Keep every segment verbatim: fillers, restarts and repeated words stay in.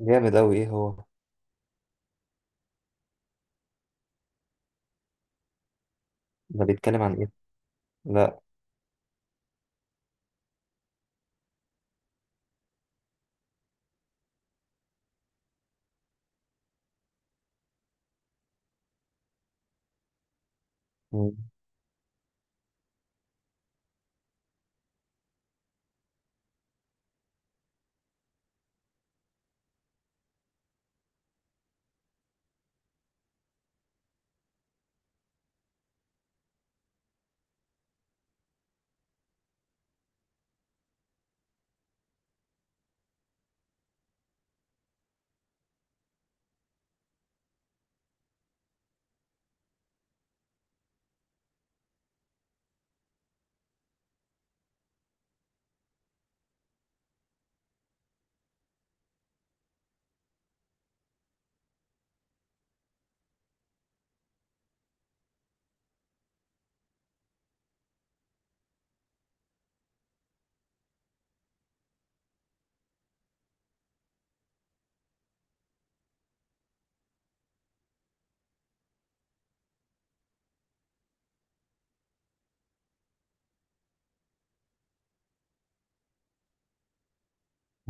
جامد أوي. إيه هو ده؟ بيتكلم عن إيه؟ لأ. مم.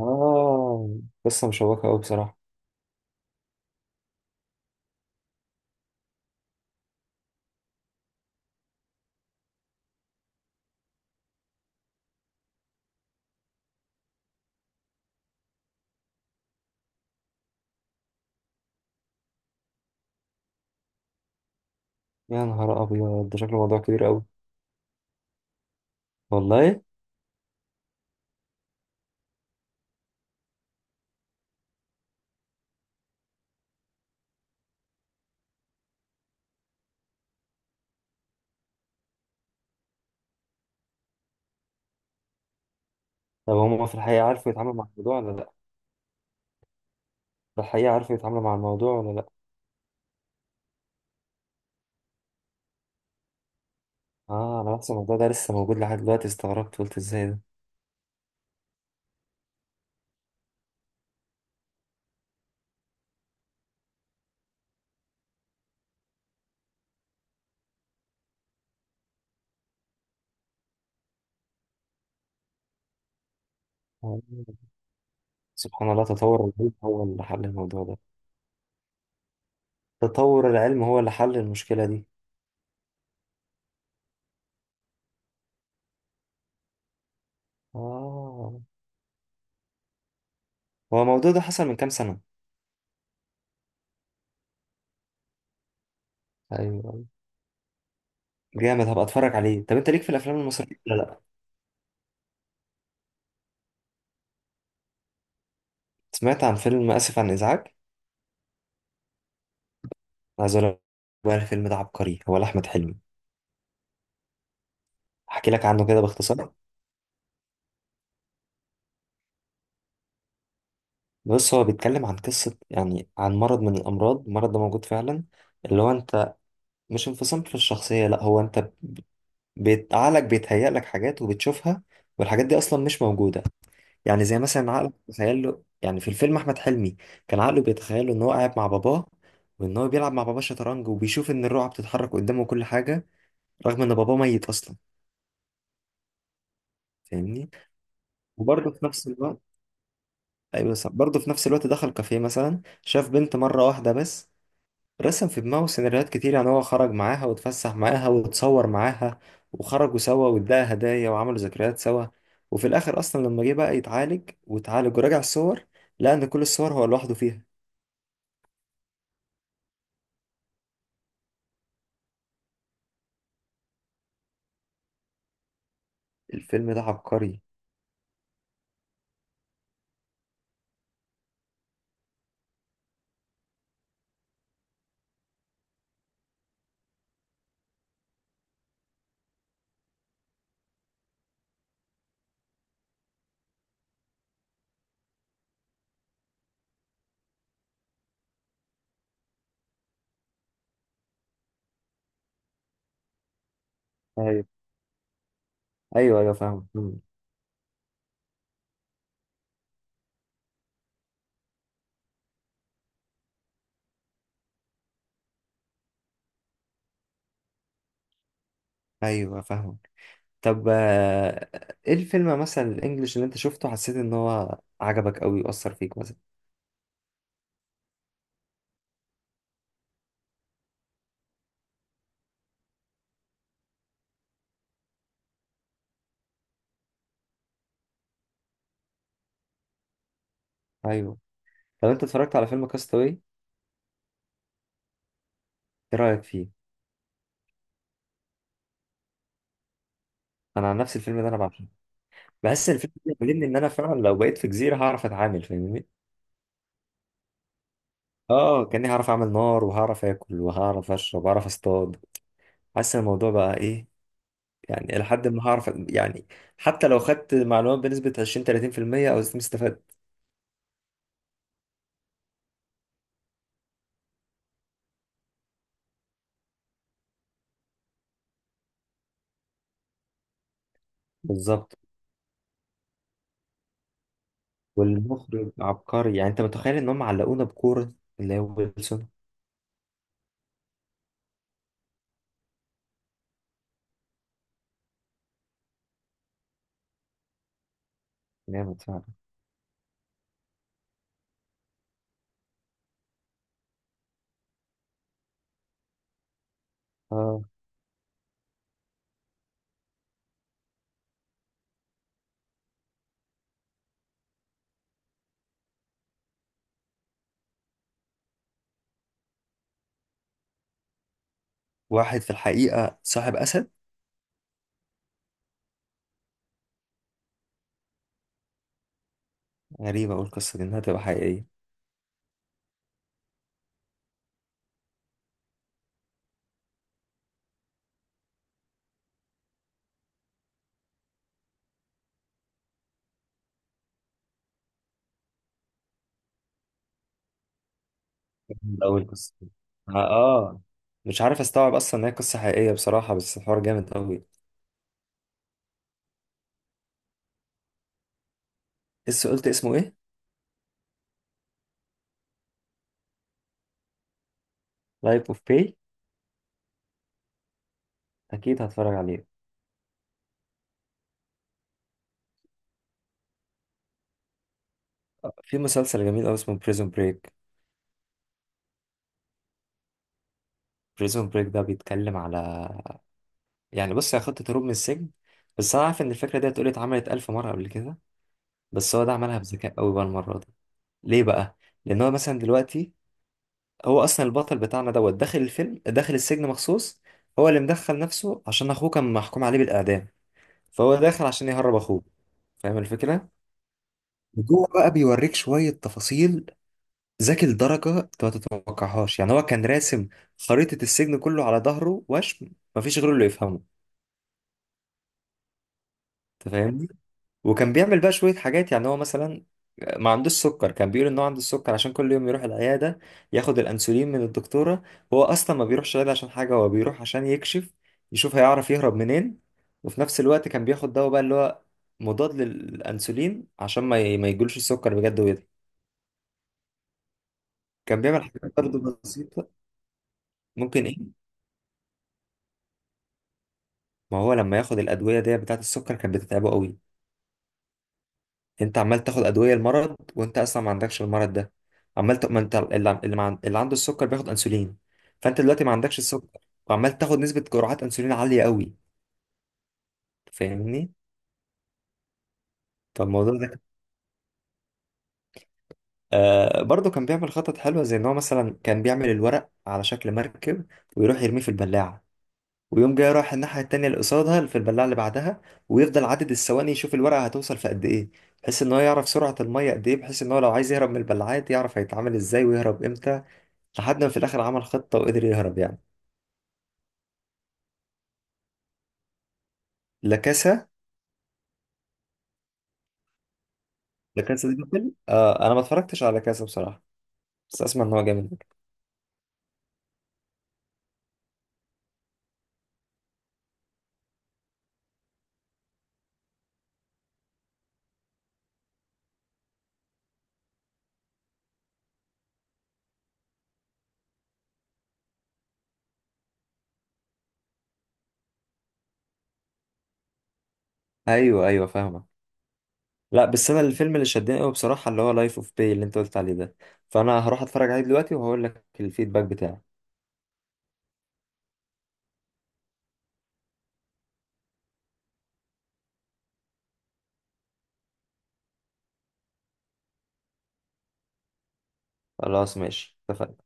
آه، قصة مشوقة أوي بصراحة. يا نهار أبيض، ده شكله موضوع كبير أوي. والله؟ طب هما في الحقيقة عارفوا يتعاملوا مع الموضوع ولا لأ؟ في الحقيقة عارفوا يتعاملوا مع الموضوع ولا لأ؟ آه، أنا بحس الموضوع ده لسه موجود لحد دلوقتي. استغربت، قلت إزاي ده؟ آه، سبحان الله، تطور العلم هو اللي حل الموضوع ده. تطور العلم هو اللي حل المشكلة دي. آه. هو الموضوع ده حصل من كام سنة؟ أيوه، أيوه. جامد، هبقى أتفرج عليه. طب أنت ليك في الأفلام المصرية ولا لأ؟ سمعت عن فيلم آسف عن إزعاج. عايز أقول لك، بقى الفيلم ده عبقري، هو لأحمد حلمي. أحكي لك عنه كده باختصار. بص، هو بيتكلم عن قصة يعني، عن مرض من الأمراض. المرض ده موجود فعلا، اللي هو أنت، مش انفصام في الشخصية، لأ. هو أنت بيت... عقلك بيتهيأ لك حاجات وبتشوفها، والحاجات دي أصلا مش موجودة. يعني زي مثلا عقلك بيتخيل له، يعني في الفيلم أحمد حلمي كان عقله بيتخيل له إن هو قاعد مع باباه، وإن هو بيلعب مع باباه شطرنج، وبيشوف إن الرقعة بتتحرك قدامه وكل حاجة، رغم إن باباه ميت أصلا. فاهمني؟ وبرضه في نفس الوقت، ايوه صح، برضه في نفس الوقت دخل كافيه مثلا، شاف بنت مره واحده بس، رسم في دماغه سيناريوهات كتير، يعني هو خرج معاها واتفسح معاها واتصور معاها، وخرجوا سوا واداها هدايا وعملوا ذكريات سوا. وفي الاخر اصلا لما جه بقى يتعالج، واتعالج وراجع الصور، لقى ان كل الصور هو لوحده فيها. الفيلم ده عبقري. ايوه، ايوه، ايوه فاهم. مم. ايوه فاهم. طب آه، ايه الفيلم مثلا الانجليش اللي انت شفته حسيت ان هو عجبك قوي واثر فيك مثلا؟ ايوه. طب انت اتفرجت على فيلم كاستاوي؟ ايه رايك فيه؟ انا عن نفس الفيلم ده، انا بعشقه. بحس ان الفيلم ده بيعلمني ان انا فعلا لو بقيت في جزيره هعرف اتعامل. فاهمني؟ اه، كاني هعرف اعمل نار، وهعرف اكل، وهعرف اشرب، وهعرف اصطاد. حاسس ان الموضوع بقى ايه، يعني لحد ما هعرف، يعني حتى لو خدت معلومات بنسبه عشرين ثلاثين في المئة او زي ما استفدت. بالظبط. والمخرج عبقري، يعني انت متخيل ان هم علقونا بكوره، اللي هو ويلسون. جامد فعلا. اه، واحد في الحقيقه صاحب اسد؟ غريبه، اقول القصه دي انها تبقى حقيقيه؟ أول قصة، آه، مش عارف أستوعب أصلا إن هي قصة حقيقية بصراحة، بس الحوار جامد أوي. لسه قلت اسمه إيه؟ لايف أوف باي. أكيد هتفرج عليه. آه، في مسلسل جميل أوي اسمه بريزون بريك. بريزون بريك ده بيتكلم على، يعني بص، هي خطة هروب من السجن. بس أنا عارف إن الفكرة دي اتقولت، اتعملت ألف مرة قبل كده، بس هو ده عملها بذكاء أوي بقى المرة دي. ليه بقى؟ لأن هو مثلا دلوقتي، هو أصلا البطل بتاعنا دوت داخل الفيلم، داخل السجن مخصوص، هو اللي مدخل نفسه عشان أخوه كان محكوم عليه بالإعدام، فهو داخل عشان يهرب اخوه. فاهم الفكره؟ وجوه بقى بيوريك شويه تفاصيل، ذكي لدرجه انت ما تتوقعهاش. يعني هو كان راسم خريطه السجن كله على ظهره وشم، مفيش غيره اللي يفهمه. انت فاهمني؟ وكان بيعمل بقى شوية حاجات، يعني هو مثلا ما عندوش سكر، كان بيقول ان هو عنده السكر عشان كل يوم يروح العيادة ياخد الأنسولين من الدكتورة. هو أصلا ما بيروحش العيادة عشان حاجة، هو بيروح عشان يكشف، يشوف هيعرف يهرب منين. وفي نفس الوقت كان بياخد دواء بقى اللي هو مضاد للأنسولين عشان ما ي- ما يجيلوش السكر بجد ويضرب. كان بيعمل حاجات برضه بسيطة. ممكن ايه؟ ما هو لما ياخد الأدوية دي بتاعة السكر، كانت بتتعبه قوي. انت عمال تاخد ادويه المرض وانت اصلا ما عندكش المرض ده. عمال ت- ما انت اللي اللي, مع... اللي عنده السكر بياخد انسولين، فانت دلوقتي ما عندكش السكر، وعمال تاخد نسبه جرعات انسولين عاليه قوي. فاهمني؟ فالموضوع ده، آه، برضه كان بيعمل خطط حلوه، زي ان هو مثلا كان بيعمل الورق على شكل مركب، ويروح يرميه في البلاعه، ويوم جاي رايح الناحيه التانيه اللي قصادها في البلاعه اللي بعدها، ويفضل عدد الثواني يشوف الورقه هتوصل في قد ايه، بحيث ان هو يعرف سرعه الميه قد ايه، بحيث ان هو لو عايز يهرب من البلاعات يعرف هيتعامل ازاي ويهرب امتى، لحد ما في الاخر عمل خطه وقدر يهرب يعني. لا كاسا. لا كاسا دي بابل. آه انا ما اتفرجتش على كاسا بصراحه، بس اسمع ان هو جامد. ايوه، ايوه فاهمه. لا بس انا الفيلم اللي شدني قوي بصراحه اللي هو لايف اوف باي اللي انت قلت عليه ده، فانا هروح اتفرج عليه دلوقتي وهقول لك الفيدباك بتاعي. خلاص ماشي، اتفقنا.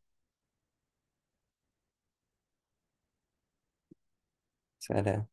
سلام.